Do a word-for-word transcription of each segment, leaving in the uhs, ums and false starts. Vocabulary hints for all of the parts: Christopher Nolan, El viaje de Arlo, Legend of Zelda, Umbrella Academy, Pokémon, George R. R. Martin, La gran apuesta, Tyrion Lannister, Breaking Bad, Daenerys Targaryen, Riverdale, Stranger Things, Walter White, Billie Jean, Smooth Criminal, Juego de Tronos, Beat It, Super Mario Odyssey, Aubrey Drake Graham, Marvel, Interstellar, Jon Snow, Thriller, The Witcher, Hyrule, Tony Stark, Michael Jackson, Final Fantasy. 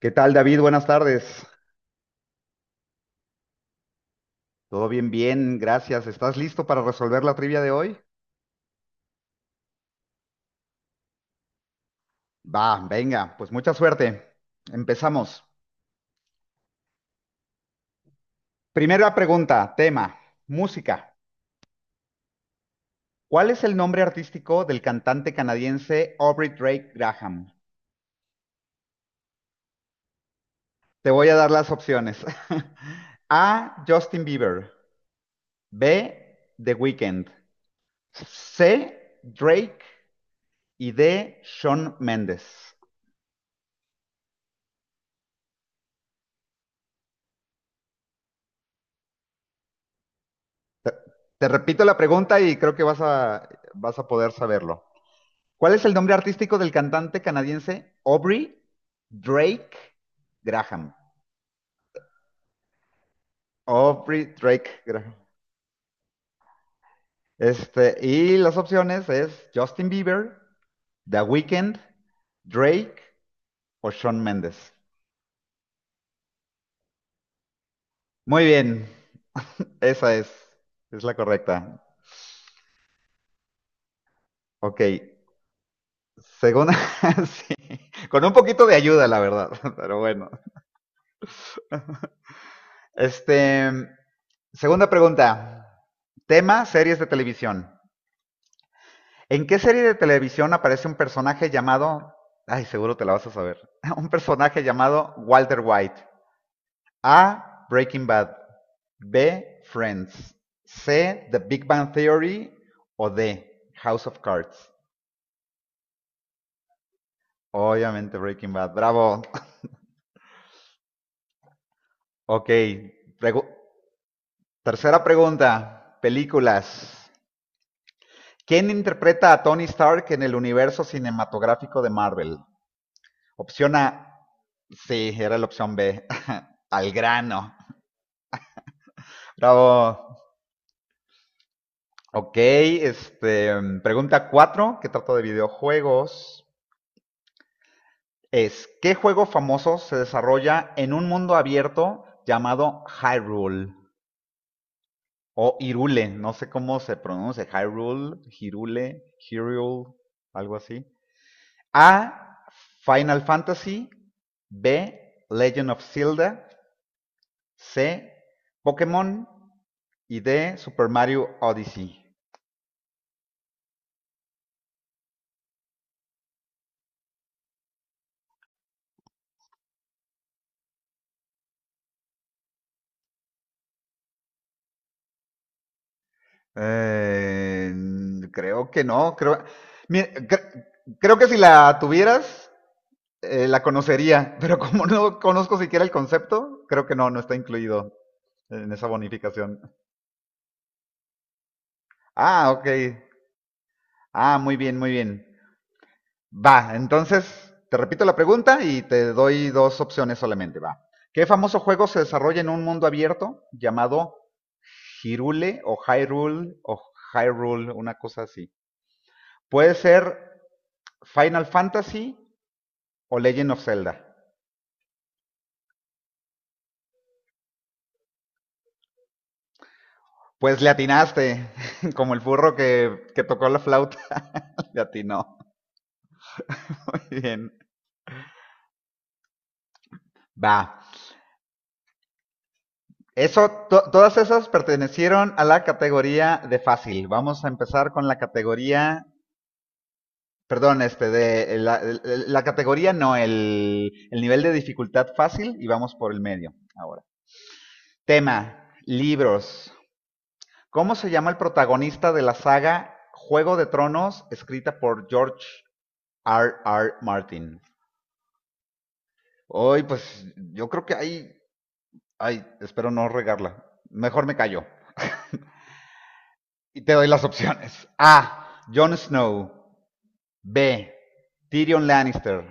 ¿Qué tal, David? Buenas tardes. Todo bien, bien, gracias. ¿Estás listo para resolver la trivia de hoy? Va, venga, pues mucha suerte. Empezamos. Primera pregunta, tema, música. ¿Cuál es el nombre artístico del cantante canadiense Aubrey Drake Graham? Te voy a dar las opciones. A. Justin Bieber. B. The Weeknd. C. Drake. Y D. Shawn Mendes. Te, te repito la pregunta y creo que vas a, vas a poder saberlo. ¿Cuál es el nombre artístico del cantante canadiense Aubrey Drake Graham? Aubrey Drake Graham. Este, y las opciones es Justin Bieber, The Weeknd, Drake o Shawn Mendes. Muy bien, esa es, es la correcta. Ok, según, sí, con un poquito de ayuda, la verdad, pero bueno. Este, segunda pregunta. Tema, series de televisión. ¿En qué serie de televisión aparece un personaje llamado... Ay, seguro te la vas a saber. Un personaje llamado Walter White. A. Breaking Bad. B. Friends. C. The Big Bang Theory. O D. House of Cards. Obviamente Breaking Bad. Bravo. Ok. Pregu- Tercera pregunta. Películas. ¿Quién interpreta a Tony Stark en el universo cinematográfico de Marvel? Opción A. Sí, era la opción B. Al grano. Bravo. Ok, este, pregunta cuatro, que trata de videojuegos, es, ¿qué juego famoso se desarrolla en un mundo abierto llamado Hyrule? O Irule, no sé cómo se pronuncia, Hyrule, Hirule, Hyrule, algo así. A, Final Fantasy, B, Legend of Zelda, C, Pokémon y D, Super Mario Odyssey. Eh, creo que no, creo, mi- cre- creo que si la tuvieras, eh, la conocería, pero como no conozco siquiera el concepto, creo que no, no está incluido en esa bonificación. Ah, ok. Ah, muy bien, muy bien. Va, entonces te repito la pregunta y te doy dos opciones solamente. Va. ¿Qué famoso juego se desarrolla en un mundo abierto llamado Hyrule o Hyrule o Hyrule, una cosa así? Puede ser Final Fantasy o Legend of Zelda. Pues le atinaste, como el burro que, que tocó la flauta, le atinó. Bien. Va. Eso, to- todas esas pertenecieron a la categoría de fácil. Vamos a empezar con la categoría. Perdón, este, de eh, la, de la categoría no, el, el nivel de dificultad fácil y vamos por el medio ahora. Tema, libros. ¿Cómo se llama el protagonista de la saga Juego de Tronos escrita por George R. R. Martin? Hoy, pues yo creo que ahí, ay, espero no regarla. Mejor me callo. Y te doy las opciones. A. Jon Snow. B. Tyrion Lannister.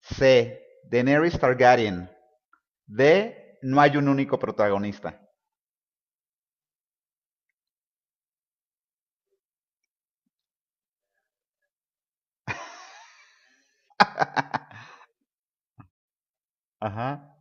C. Daenerys Targaryen. De no hay un único protagonista. Ajá.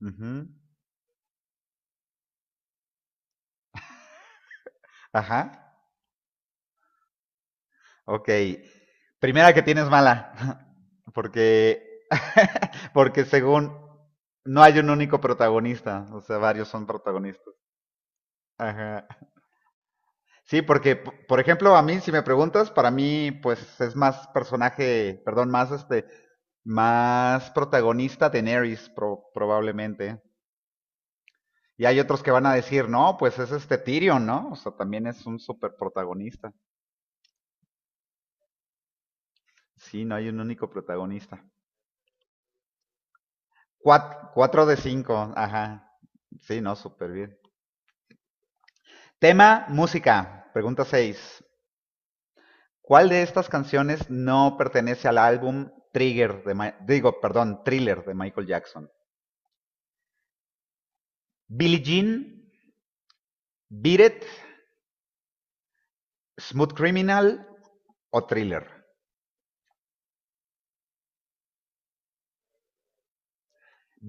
Ujú. Ajá. Ok. Primera que tienes mala. Porque, porque según no hay un único protagonista. O sea, varios son protagonistas. Ajá. Sí, porque, p- por ejemplo, a mí, si me preguntas, para mí, pues es más personaje, perdón, más este, más protagonista Daenerys, pro- probablemente. Y hay otros que van a decir, no, pues es este Tyrion, ¿no? O sea, también es un super protagonista. Sí, no hay un único protagonista. Cuat- cuatro de cinco, ajá. Sí, no, súper bien. Tema, música. Pregunta seis. ¿Cuál de estas canciones no pertenece al álbum Trigger de Ma- digo, perdón, Thriller de Michael Jackson? Billie Jean, Beat It, Smooth Criminal o Thriller.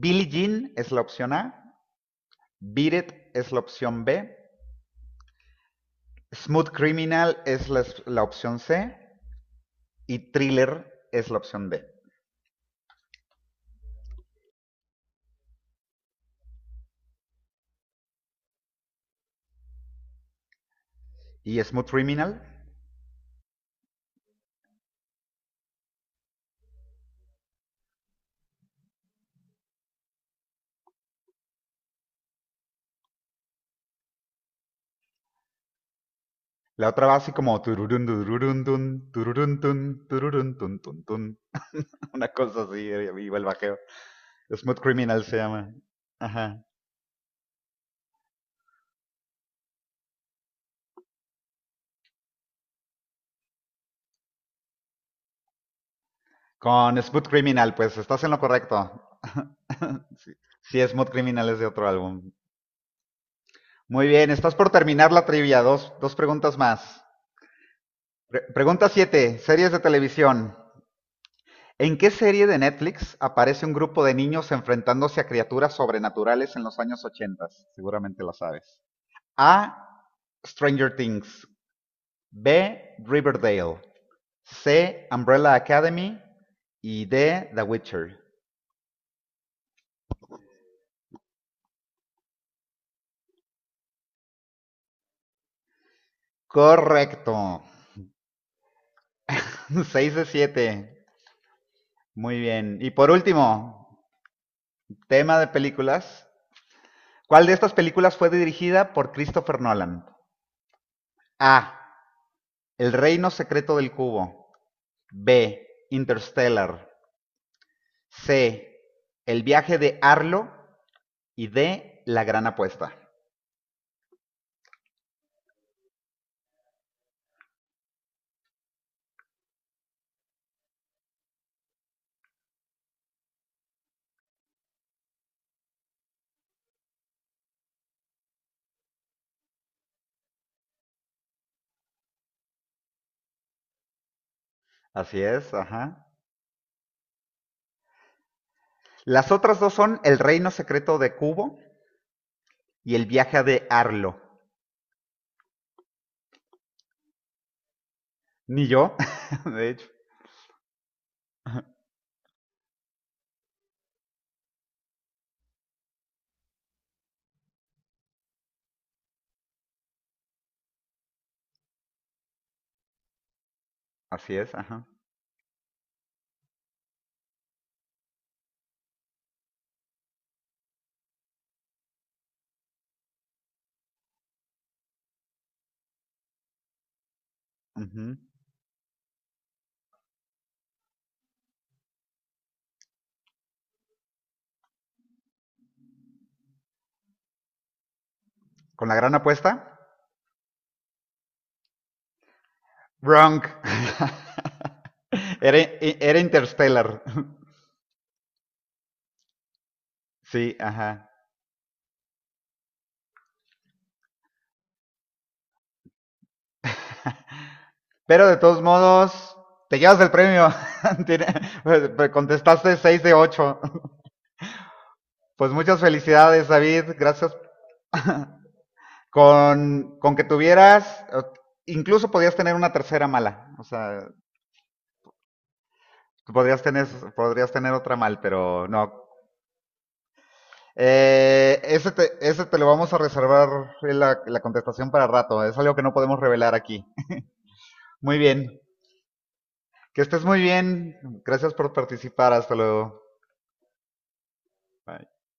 Billie Jean es la opción A, Beat It es la opción B, Smooth Criminal es la, la opción C y Thriller es la opción D. Y Smooth Criminal, la otra va así como tururun, tururun, tun, tururun, tun, tururun, tun, tun, tun. Una cosa así, eh, viva el bajeo. Smooth Criminal se llama. Ajá. Con Smooth Criminal, pues estás en lo correcto. Sí, Smooth Criminal es de otro álbum. Muy bien, estás por terminar la trivia. Dos, dos preguntas más. Pre- pregunta siete, series de televisión. ¿En qué serie de Netflix aparece un grupo de niños enfrentándose a criaturas sobrenaturales en los años ochenta? Seguramente la sabes. A. Stranger Things. B. Riverdale. C. Umbrella Academy. Y D. The Witcher. Correcto. Seis de siete. Muy bien. Y por último, tema de películas. ¿Cuál de estas películas fue dirigida por Christopher Nolan? A. El reino secreto del cubo. B. Interstellar. C. El viaje de Arlo. Y D. La gran apuesta. Así es, ajá. Las otras dos son El reino secreto de Kubo y El viaje de Arlo. Ni yo, de hecho. Así es, ajá. Ujú. Con La gran apuesta. Wrong. Era, era Interstellar. Sí, ajá. Pero de todos modos, te llevas el premio. Contestaste seis de ocho. Pues muchas felicidades, David. Gracias. con, con que tuvieras, incluso podías tener una tercera mala. O sea, podrías tener, podrías tener otra mal, pero no. Eh, ese, te, ese te lo vamos a reservar la, la contestación para rato. Es algo que no podemos revelar aquí. Muy bien. Que estés muy bien. Gracias por participar. Hasta luego. Bye.